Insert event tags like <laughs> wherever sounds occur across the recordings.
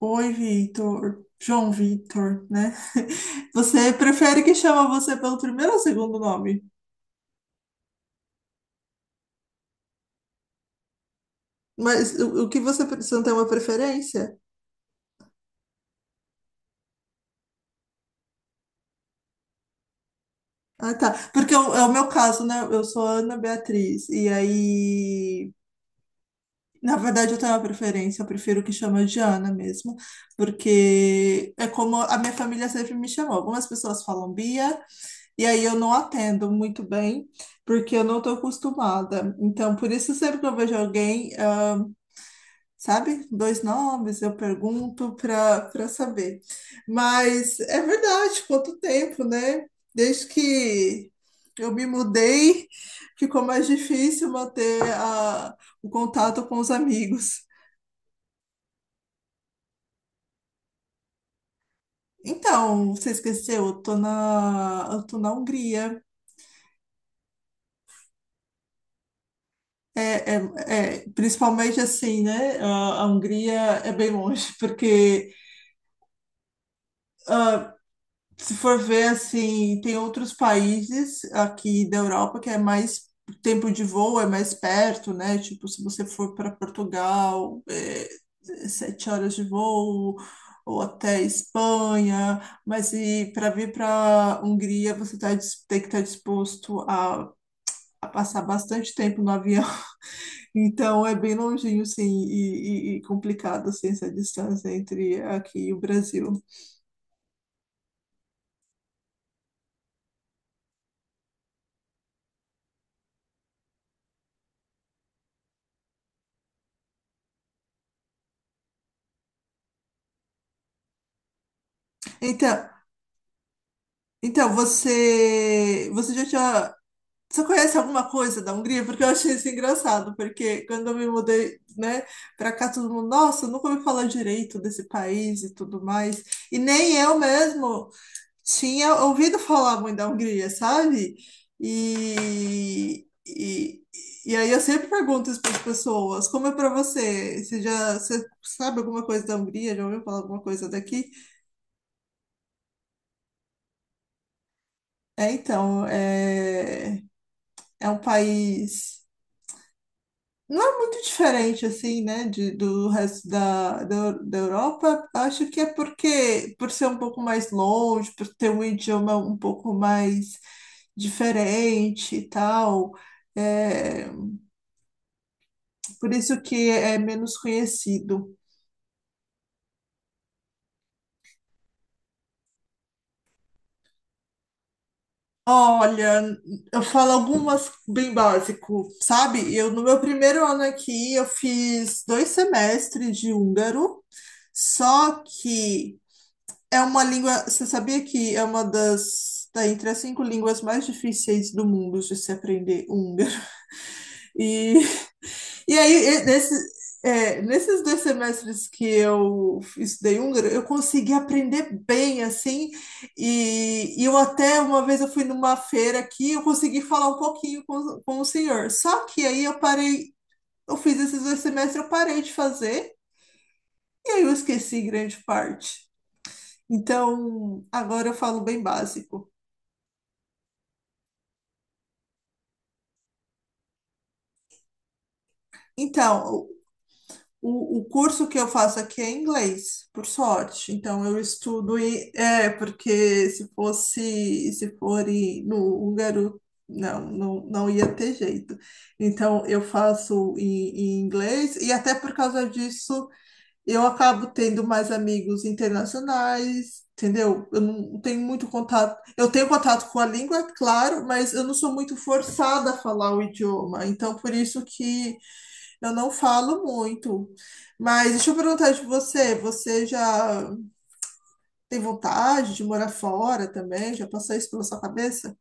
Oi, Vitor. João Vitor, né? <laughs> Você prefere que chama você pelo primeiro ou segundo nome? Mas o que você não tem uma preferência? Ah, tá. Porque é o meu caso, né? Eu sou Ana Beatriz. E aí, na verdade, eu tenho uma preferência. Eu prefiro que chama de Ana mesmo. Porque é como a minha família sempre me chamou. Algumas pessoas falam Bia, e aí eu não atendo muito bem, porque eu não estou acostumada. Então, por isso, sempre que eu vejo alguém, sabe? Dois nomes, eu pergunto para saber. Mas é verdade, quanto tempo, né? Desde que eu me mudei, ficou mais difícil manter o contato com os amigos. Então, você esqueceu, eu tô na Hungria. É, é, é, principalmente assim, né? A Hungria é bem longe, porque se for ver assim, tem outros países aqui da Europa que é mais tempo de voo, é mais perto, né? Tipo, se você for para Portugal, é 7 horas de voo, ou até Espanha, mas e para vir para Hungria, você tem que estar disposto a passar bastante tempo no avião. <laughs> Então é bem longinho, sim, e complicado assim, essa distância entre aqui e o Brasil. Então. Então, você conhece alguma coisa da Hungria? Porque eu achei isso engraçado, porque quando eu me mudei, né, para cá, todo mundo, nossa, eu nunca ouvi falar direito desse país e tudo mais. E nem eu mesmo tinha ouvido falar muito da Hungria, sabe? E, e, e aí eu sempre pergunto isso para as pessoas, como é para você? Você sabe alguma coisa da Hungria? Já ouviu falar alguma coisa daqui? É, então, é um país. Não é muito diferente, assim, né, do resto da Europa. Acho que é porque, por ser um pouco mais longe, por ter um idioma um pouco mais diferente e tal, é, por isso que é menos conhecido. Olha, eu falo algumas bem básico, sabe? Eu, no meu primeiro ano aqui, eu fiz 2 semestres de húngaro, só que é uma língua. Você sabia que é uma das? Tá entre as cinco línguas mais difíceis do mundo de se aprender o húngaro. E, e aí, nesses 2 semestres que eu estudei húngaro, eu consegui aprender bem, assim. E eu até uma vez eu fui numa feira aqui, eu consegui falar um pouquinho com o senhor. Só que aí eu parei. Eu fiz esses 2 semestres, eu parei de fazer. E aí eu esqueci grande parte. Então, agora eu falo bem básico. Então, o curso que eu faço aqui é inglês, por sorte. Então, eu estudo e é porque se for no húngaro, não, não, não ia ter jeito. Então, eu faço em inglês e até por causa disso eu acabo tendo mais amigos internacionais, entendeu? Eu não tenho muito contato. Eu tenho contato com a língua, é claro, mas eu não sou muito forçada a falar o idioma. Então, por isso que eu não falo muito, mas deixa eu perguntar de você, você já tem vontade de morar fora também? Já passou isso pela sua cabeça?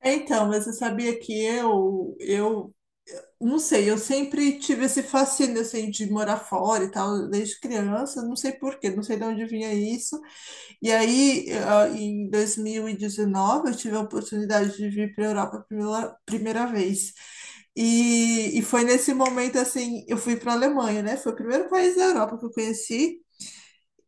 É, então, mas você sabia que eu não sei, eu sempre tive esse fascínio assim de morar fora e tal, desde criança, não sei por quê, não sei de onde vinha isso. E aí, em 2019, eu tive a oportunidade de vir para a Europa pela primeira vez. E foi nesse momento, assim, eu fui para a Alemanha, né? Foi o primeiro país da Europa que eu conheci.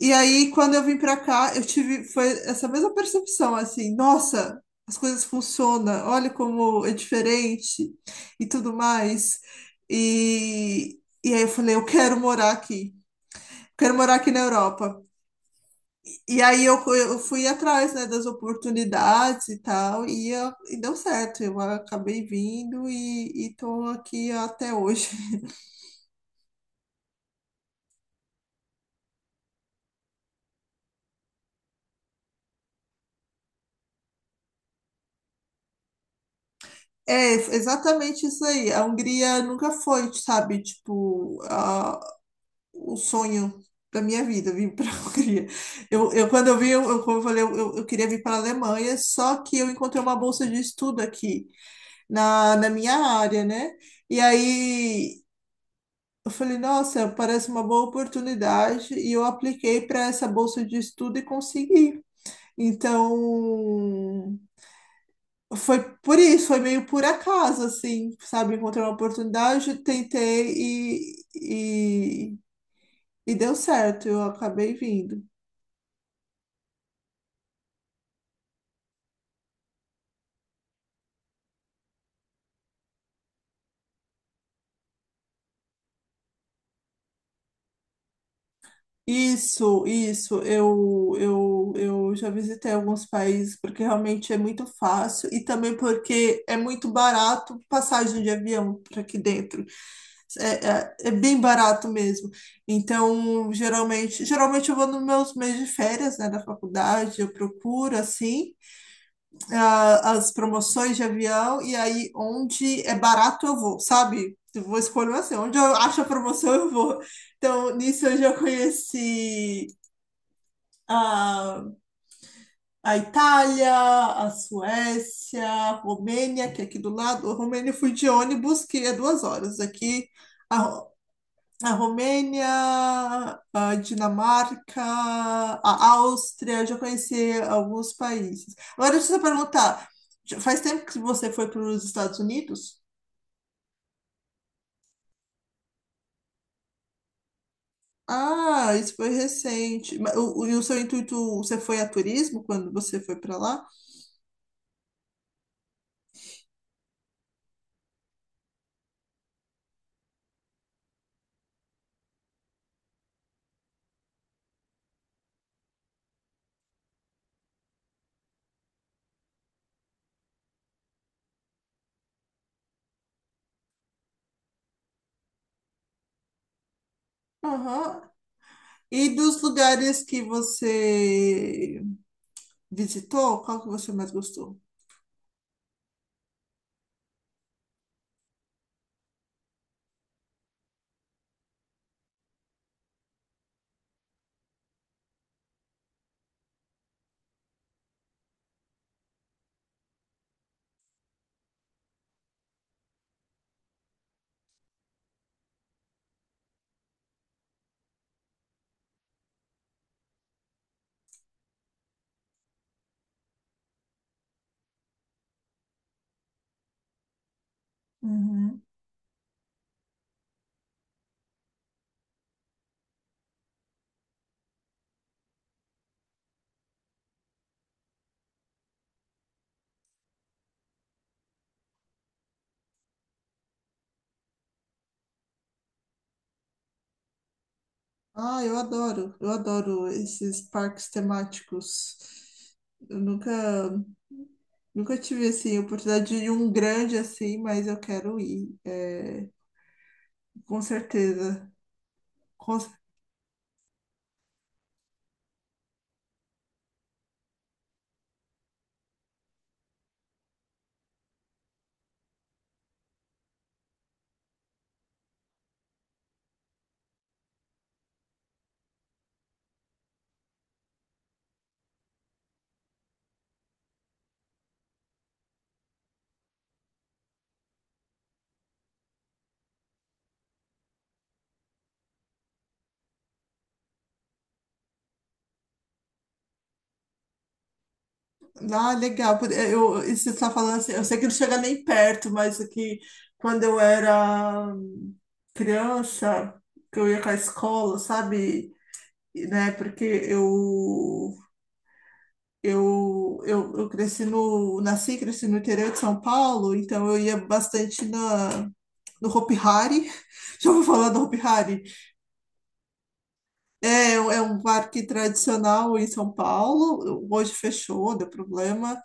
E aí, quando eu vim para cá, foi essa mesma percepção, assim, nossa, as coisas funcionam, olha como é diferente e tudo mais. E aí eu falei, eu quero morar aqui. Quero morar aqui na Europa. E aí eu fui atrás, né, das oportunidades e tal, e deu certo. Eu acabei vindo e estou aqui até hoje. <laughs> É, exatamente isso aí. A Hungria nunca foi, sabe, tipo, o sonho da minha vida, vir para a <laughs> Hungria. Eu, quando eu vim, como eu falei, eu queria vir para a Alemanha, só que eu encontrei uma bolsa de estudo aqui, na minha área, né? E aí eu falei, nossa, parece uma boa oportunidade, e eu apliquei para essa bolsa de estudo e consegui. Então, foi por isso, foi meio por acaso, assim, sabe? Encontrei uma oportunidade, tentei e, e, e deu certo, eu acabei vindo. Isso, eu já visitei alguns países porque realmente é muito fácil e também porque é muito barato passagem de avião para aqui dentro. É, é, é bem barato mesmo. Então, geralmente eu vou nos meus meses de férias, né, da faculdade, eu procuro assim as promoções de avião e aí onde é barato eu vou, sabe? Eu vou escolher assim, onde eu acho a promoção eu vou. Então, nisso eu já conheci a, a Itália, a Suécia, a Romênia, que é aqui do lado. A Romênia eu fui de ônibus, que é 2 horas. Aqui, a, a Romênia, a Dinamarca, a Áustria, eu já conheci alguns países. Agora, deixa eu só perguntar, já faz tempo que você foi para os Estados Unidos? Ah, isso foi recente. Mas e o seu intuito, você foi a turismo quando você foi para lá? Aham. E dos lugares que você visitou, qual que você mais gostou? Uhum. Ah, eu adoro esses parques temáticos. Eu nunca, nunca tive assim a oportunidade de ir em um grande assim, mas eu quero ir, com certeza. Com cer- legal. Isso que você está falando assim, eu sei que não chega nem perto, mas aqui quando eu era criança, que eu ia com a escola, sabe? E, né? Porque eu cresci nasci e cresci no interior de São Paulo, então eu ia bastante no Hopi Hari. <laughs> Já vou falar do Hopi Hari. É, é um parque tradicional em São Paulo, hoje fechou, deu problema.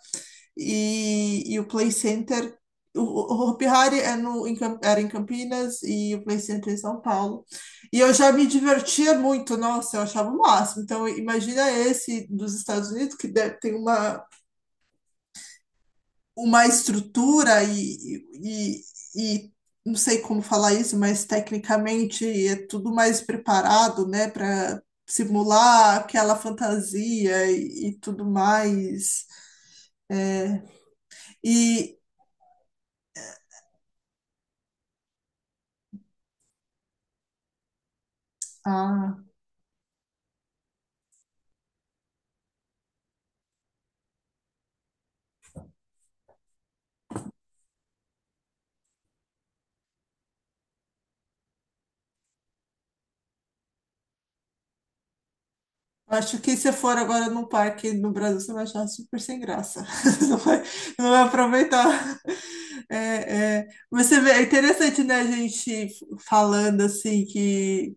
E o Play Center, o Hopi Hari é no, em Cam- era em Campinas e o Play Center é em São Paulo. E eu já me divertia muito, nossa, eu achava o máximo. Então, imagina esse dos Estados Unidos, que tem uma estrutura e não sei como falar isso, mas tecnicamente é tudo mais preparado, né, para simular aquela fantasia e tudo mais. É, e. Ah. Acho que se for agora num parque no Brasil, você vai achar super sem graça. <laughs> Não vai, não vai aproveitar. É, é. Mas você vê, é interessante, né, a gente falando assim que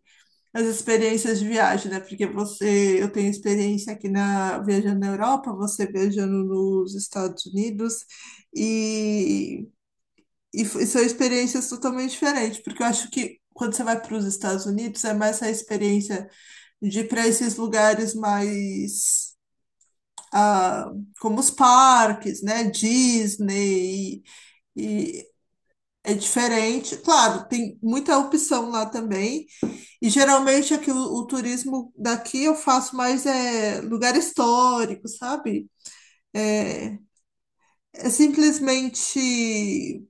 as experiências de viagem, né? Porque eu tenho experiência aqui na viajando na Europa, você viajando nos Estados Unidos e, e são experiências totalmente diferentes, porque eu acho que quando você vai para os Estados Unidos é mais a experiência de ir para esses lugares mais ah, como os parques, né? Disney e é diferente. Claro, tem muita opção lá também. E geralmente aqui o turismo daqui eu faço mais é lugar histórico, sabe? É, é simplesmente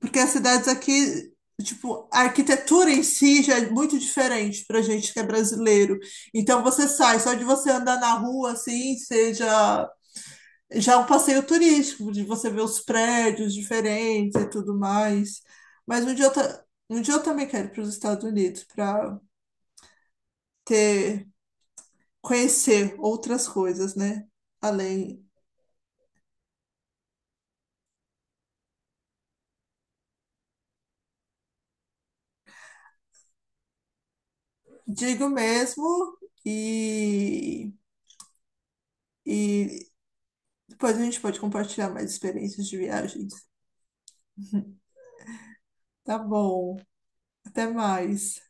porque as cidades aqui, tipo, a arquitetura em si já é muito diferente pra gente que é brasileiro. Então você sai, só de você andar na rua assim, seja já é um passeio turístico, de você ver os prédios diferentes e tudo mais. Mas um dia eu também quero ir para os Estados Unidos para ter conhecer outras coisas, né? Além, digo mesmo, e, e depois a gente pode compartilhar mais experiências de viagens. <laughs> Tá bom. Até mais.